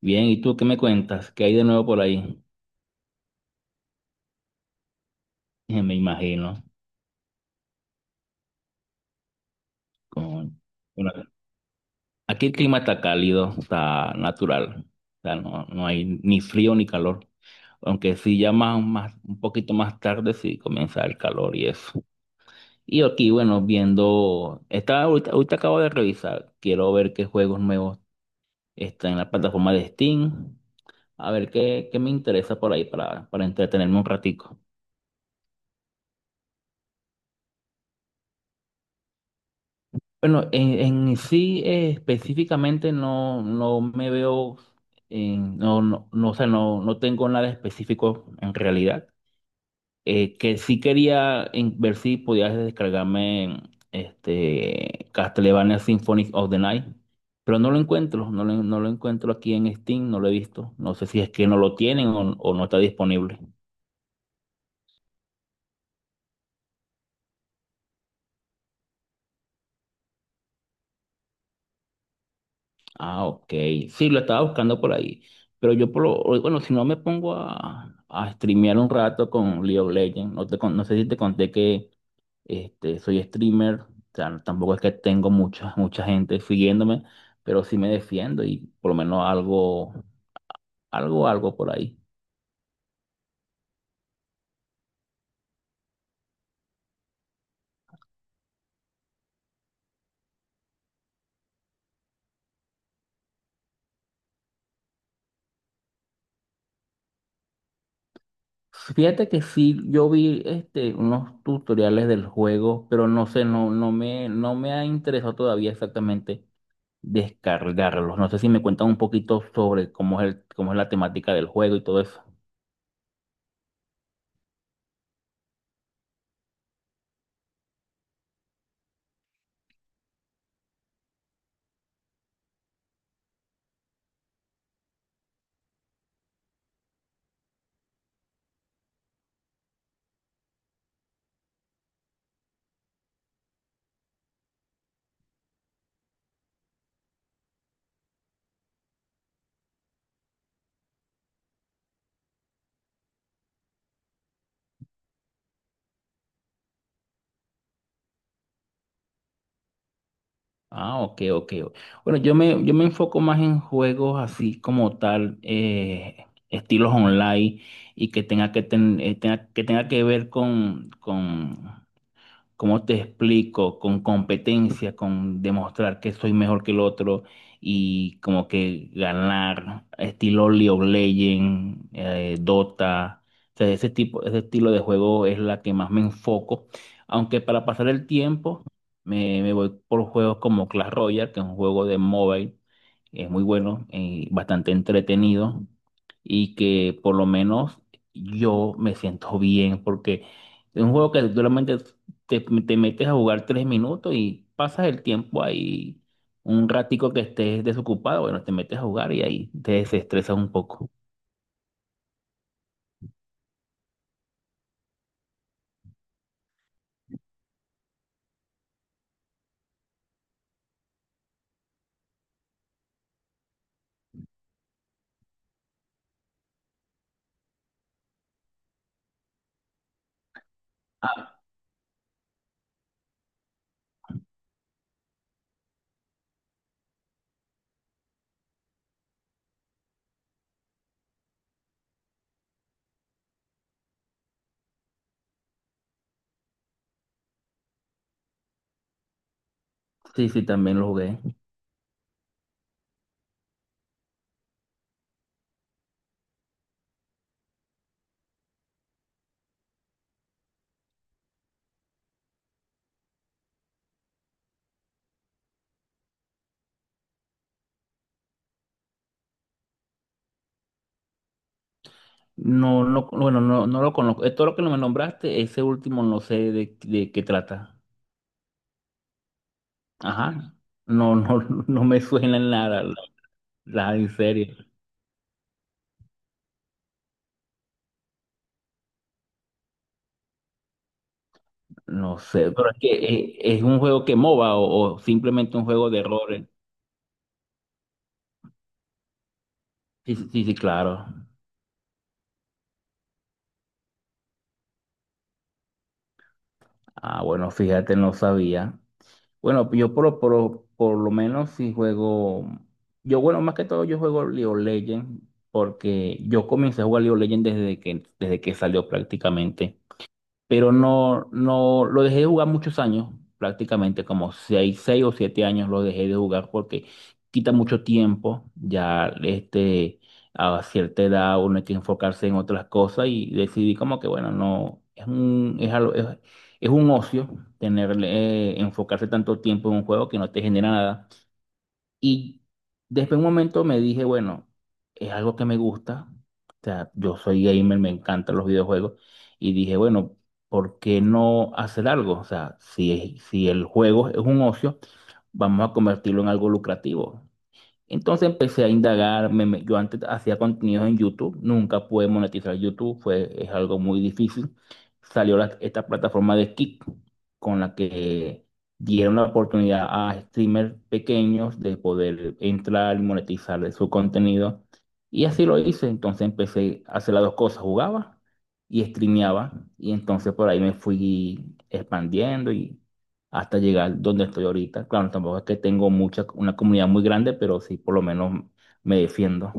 Bien, ¿y tú qué me cuentas? ¿Qué hay de nuevo por ahí? Me imagino. Con... bueno, aquí el clima está cálido, está natural. O sea, no, no hay ni frío ni calor. Aunque sí, ya un poquito más tarde sí comienza el calor y eso. Y aquí, bueno, viendo. Estaba, ahorita acabo de revisar. Quiero ver qué juegos nuevos están en la plataforma de Steam. A ver qué me interesa por ahí para entretenerme un ratico. Bueno, en sí específicamente no, no me veo, no, no, no, o sea, no, no tengo nada específico en realidad. Que sí quería ver si podías descargarme este, Castlevania Symphony of the Night, pero no lo encuentro, no lo encuentro aquí en Steam, no lo he visto. No sé si es que no lo tienen o no está disponible. Ah, ok. Sí, lo estaba buscando por ahí. Pero yo, bueno, si no me pongo a streamear un rato con League of Legends, no, no sé si te conté que este, soy streamer, o sea, tampoco es que tengo mucha, mucha gente siguiéndome, pero sí me defiendo y por lo menos algo, algo, algo por ahí. Fíjate que sí, yo vi este, unos tutoriales del juego, pero no sé, no, no me ha interesado todavía exactamente. Descargarlos. No sé si me cuentan un poquito sobre cómo es la temática del juego y todo eso. Ah, ok, ok. Bueno, yo me enfoco más en juegos así como tal, estilos online y que tenga que, ten- tenga que ver con, ¿cómo te explico? Con competencia, con demostrar que soy mejor que el otro y como que ganar, estilo League of Legends, Dota. O sea, ese tipo, ese estilo de juego es la que más me enfoco. Aunque para pasar el tiempo me voy por juegos como Clash Royale, que es un juego de mobile, es muy bueno, bastante entretenido y que por lo menos yo me siento bien porque es un juego que solamente te metes a jugar 3 minutos y pasas el tiempo ahí un ratico que estés desocupado, bueno, te metes a jugar y ahí te desestresas un poco. Sí, sí, también lo jugué. No, no, bueno, no, no lo conozco. Todo lo que me nombraste, ese último no sé de qué trata. Ajá. No, no, no me suena en nada, en serio. No sé, pero es que un juego que MOBA o simplemente un juego de errores. Sí, sí, sí, claro. Ah, bueno, fíjate, no sabía. Bueno, yo por lo menos si juego, yo bueno, más que todo yo juego League of Legends porque yo comencé a jugar League of Legends desde que salió prácticamente, pero no, no, lo dejé de jugar muchos años, prácticamente como seis o siete años lo dejé de jugar porque quita mucho tiempo, ya este, a cierta edad uno hay que enfocarse en otras cosas y decidí como que bueno, no, es un, es algo- es un ocio tener, enfocarse tanto tiempo en un juego que no te genera nada. Y después de un momento me dije, bueno, es algo que me gusta. O sea, yo soy gamer, me encantan los videojuegos. Y dije, bueno, ¿por qué no hacer algo? O sea, si el juego es un ocio, vamos a convertirlo en algo lucrativo. Entonces empecé a indagar, yo antes hacía contenidos en YouTube, nunca pude monetizar YouTube, es algo muy difícil. Salió esta plataforma de Kick, con la que dieron la oportunidad a streamers pequeños de poder entrar y monetizar su contenido. Y así lo hice, entonces empecé a hacer las dos cosas, jugaba y streameaba, y entonces por ahí me fui expandiendo hasta llegar donde estoy ahorita. Claro, tampoco es que tengo una comunidad muy grande, pero sí por lo menos me defiendo.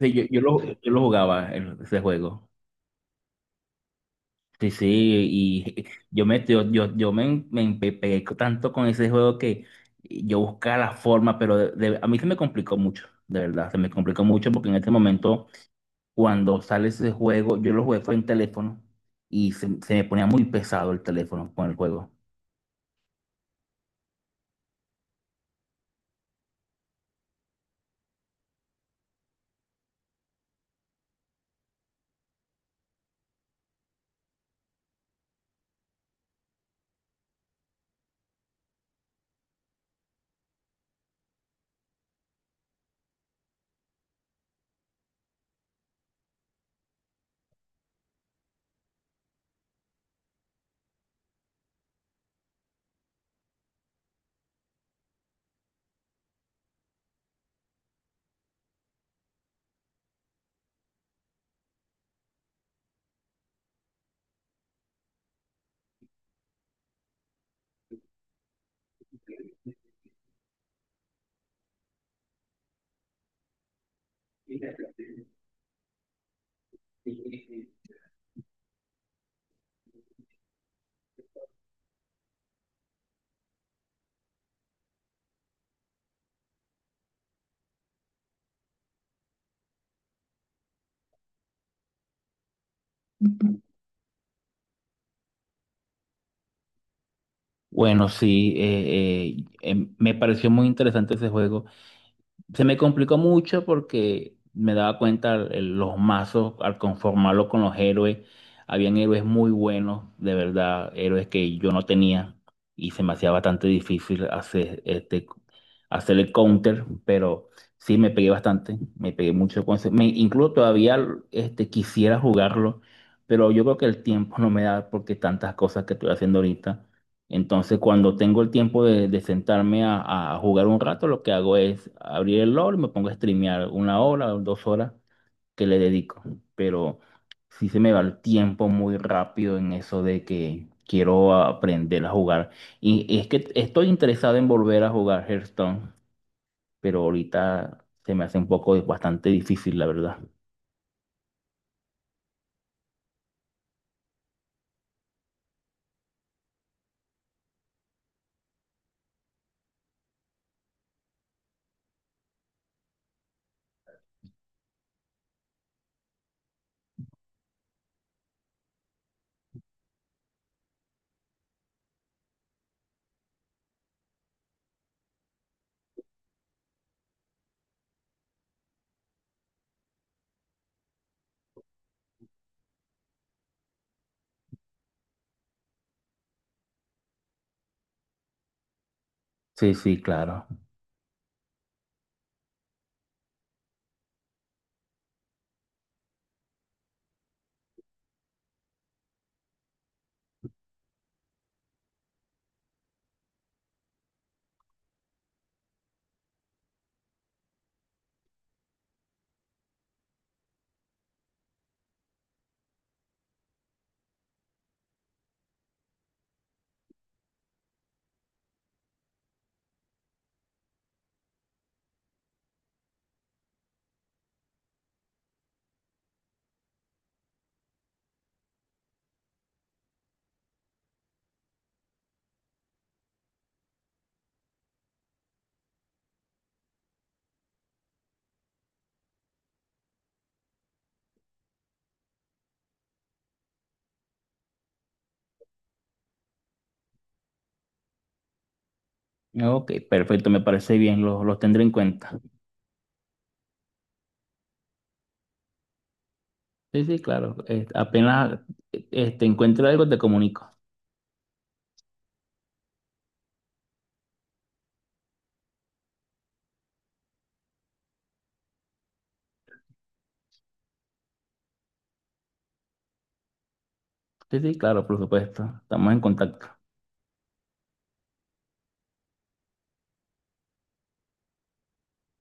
Sí, yo lo jugaba ese juego. Sí, sí, y yo me, yo me, me empe- pegué tanto con ese juego que yo buscaba la forma, pero a mí se me complicó mucho, de verdad, se me complicó mucho porque en este momento, cuando sale ese juego, yo lo jugué fue en teléfono y se me ponía muy pesado el teléfono con el juego. Bueno, sí, me pareció muy interesante ese juego. Se me complicó mucho porque me daba cuenta los mazos al conformarlo con los héroes. Habían héroes muy buenos, de verdad, héroes que yo no tenía y se me hacía bastante difícil hacer este, hacer el counter, pero sí me pegué bastante, me pegué mucho con ese. Incluso todavía este, quisiera jugarlo, pero yo creo que el tiempo no me da porque tantas cosas que estoy haciendo ahorita. Entonces, cuando tengo el tiempo de sentarme a jugar un rato, lo que hago es abrir el LOL y me pongo a streamear una hora o dos horas que le dedico. Pero sí se me va el tiempo muy rápido en eso de que quiero aprender a jugar. Y es que estoy interesado en volver a jugar Hearthstone, pero ahorita se me hace un poco bastante difícil, la verdad. Sí, sí, claro. Ok, perfecto, me parece bien, los tendré en cuenta. Sí, sí, claro. Apenas te encuentre algo, te comunico. Sí, sí, claro, por supuesto. Estamos en contacto.